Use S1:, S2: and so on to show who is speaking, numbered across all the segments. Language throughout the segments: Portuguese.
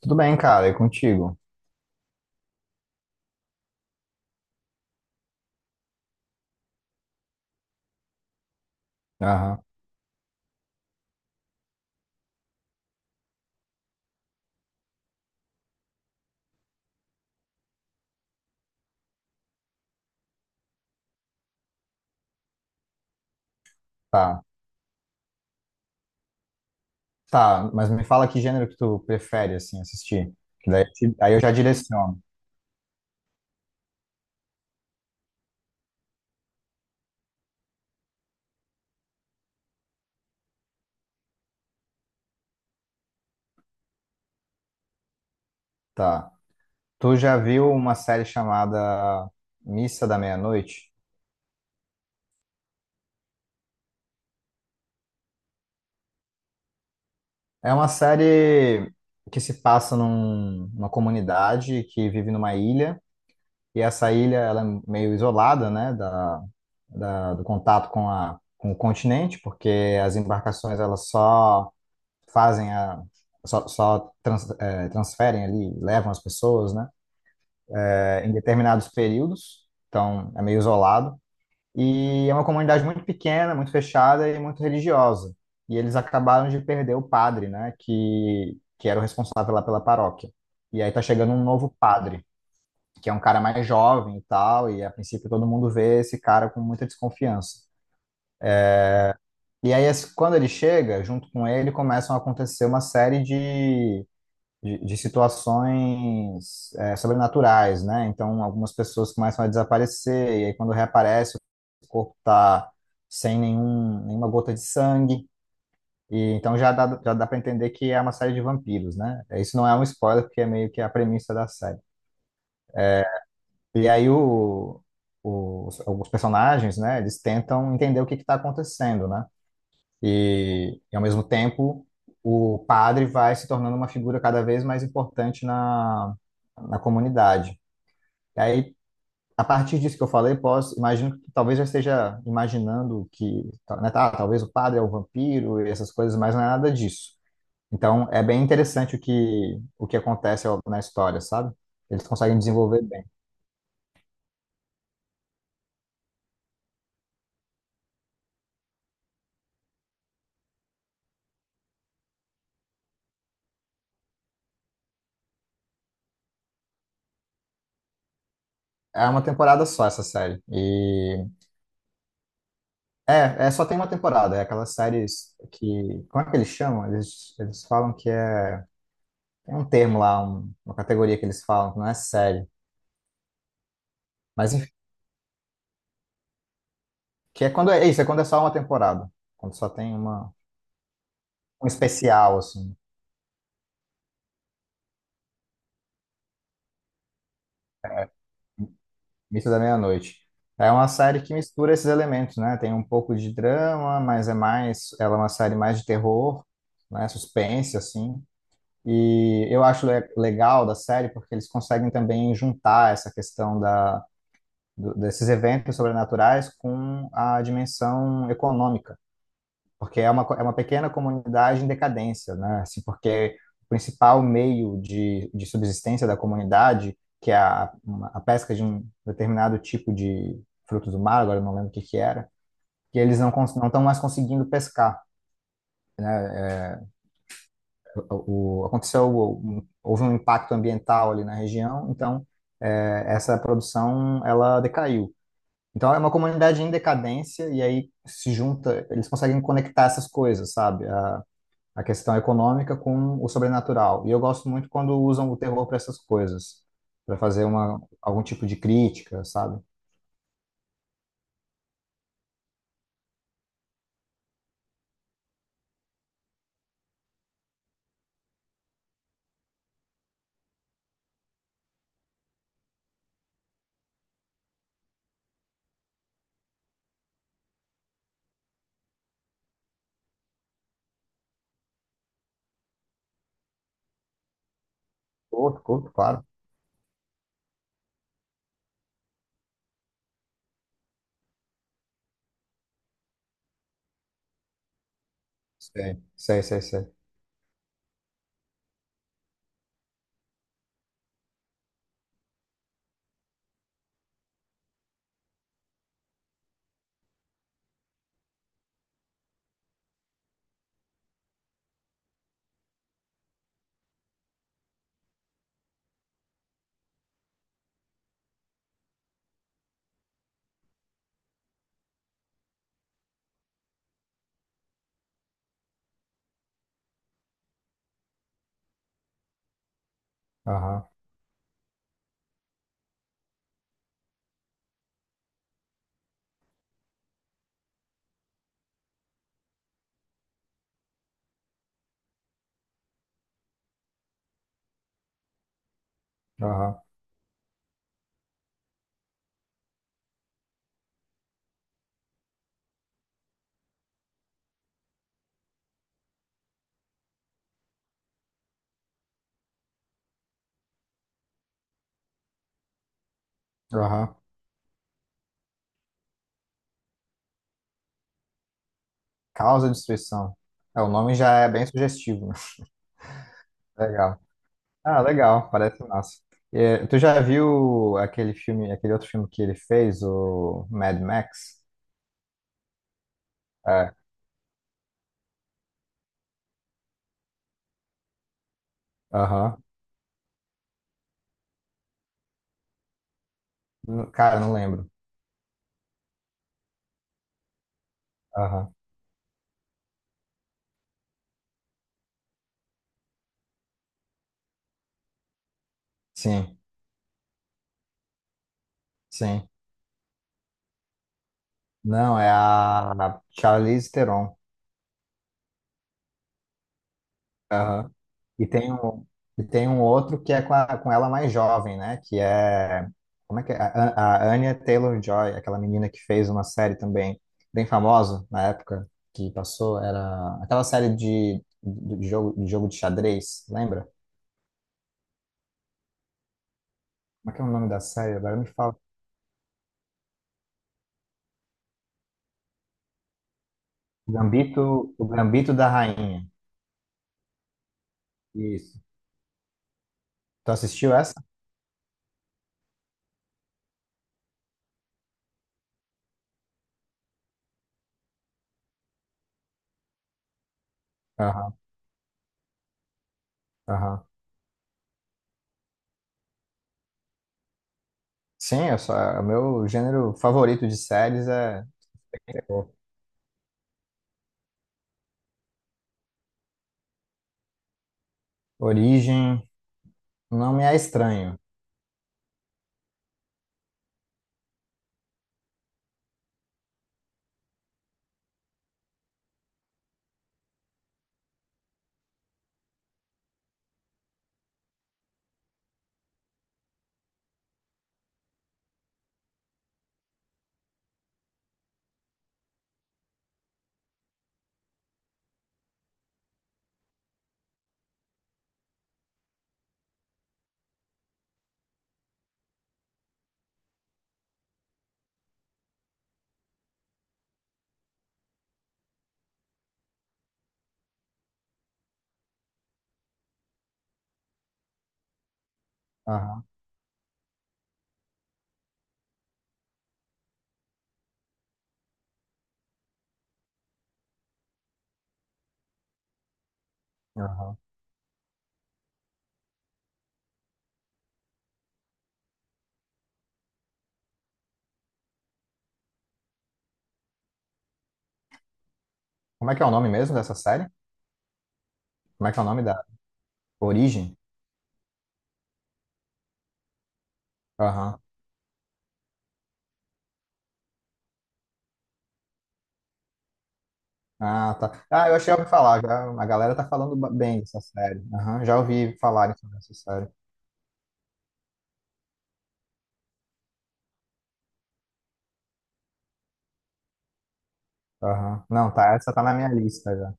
S1: Tudo bem, cara, é contigo. Aham, tá. Tá, mas me fala que gênero que tu prefere, assim, assistir. Que daí, aí eu já direciono. Tá. Tu já viu uma série chamada Missa da Meia-Noite? É uma série que se passa numa comunidade que vive numa ilha, e essa ilha, ela é meio isolada, né, do contato com a, com o continente, porque as embarcações, elas só fazem a só, só trans, é, transferem ali, levam as pessoas, né? É, em determinados períodos, então é meio isolado. E é uma comunidade muito pequena, muito fechada e muito religiosa. E eles acabaram de perder o padre, né? Que era o responsável lá pela paróquia. E aí tá chegando um novo padre, que é um cara mais jovem e tal, e a princípio todo mundo vê esse cara com muita desconfiança. E aí, quando ele chega, junto com ele, começam a acontecer uma série de de situações sobrenaturais, né? Então, algumas pessoas começam a desaparecer, e aí quando reaparece, o corpo está sem nenhuma gota de sangue, e então já dá para entender que é uma série de vampiros, né? Isso não é um spoiler, porque é meio que a premissa da série. E aí alguns personagens, né, eles tentam entender o que está acontecendo, né? Ao mesmo tempo, o padre vai se tornando uma figura cada vez mais importante na, na comunidade. E aí, a partir disso que eu falei, posso, imagino que tu talvez já esteja imaginando que, né, tá, talvez o padre é o vampiro e essas coisas, mas não é nada disso. Então, é bem interessante o que acontece na história, sabe? Eles conseguem desenvolver bem. É uma temporada só essa série. Só tem uma temporada, é aquelas séries que. Como é que eles chamam? Eles falam que é. Tem um termo lá, uma categoria que eles falam, que não é série. Mas enfim, que é quando é isso, é quando é só uma temporada. Quando só tem uma, um especial, assim, Mito da Meia-Noite. É uma série que mistura esses elementos, né? Tem um pouco de drama, mas é mais. Ela é uma série mais de terror, né? Suspense, assim. E eu acho legal da série porque eles conseguem também juntar essa questão desses eventos sobrenaturais com a dimensão econômica, porque é uma pequena comunidade em decadência, né? Assim, porque o principal meio de subsistência da comunidade, que é a pesca de um determinado tipo de frutos do mar, agora eu não lembro o que que era, que eles não estão mais conseguindo pescar. O, o- aconteceu, Houve um impacto ambiental ali na região, então essa produção ela decaiu. Então é uma comunidade em decadência e aí se junta, eles conseguem conectar essas coisas, sabe? A questão econômica com o sobrenatural. E eu gosto muito quando usam o terror para essas coisas, para fazer uma algum tipo de crítica, sabe? Curto, curto, claro. Sei, sei, sei, sei. Aham, aham, aham. Causa e destruição. É, o nome já é bem sugestivo, né? Legal. Ah, legal, parece massa. É, tu já viu aquele filme, aquele outro filme que ele fez, o Mad Max? É, aham. Cara, não lembro. Aham. Sim, sim. Não, é a Charlize Theron. Aham. E tem um, e tem um outro que é com, com ela mais jovem, né? Que é. Como é que é? A Anya Taylor-Joy, aquela menina que fez uma série também bem famosa na época que passou. Era aquela série de jogo, de jogo de xadrez, lembra? Como é que é o nome da série? Agora me fala. O Gambito da Rainha. Isso. Tu assistiu essa? Aham, aham. Sim, o meu gênero favorito de séries é terror. Origem, não me é estranho. Aham, aham. Como é que é o nome mesmo dessa série? Como é que é o nome da Origem? Aham. Ah, tá. Ah, eu achei ouvi falar. Já, a galera tá falando bem dessa série. Aham, já ouvi falarem sobre essa série. Aham. Não, tá, essa tá na minha lista já.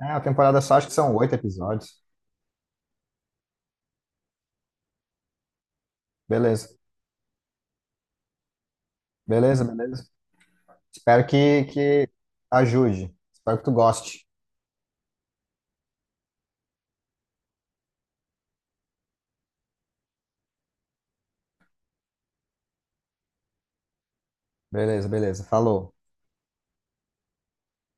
S1: É, a temporada só acho que são 8 episódios. Beleza, beleza, beleza. Espero que ajude. Espero que tu goste. Beleza, beleza. Falou.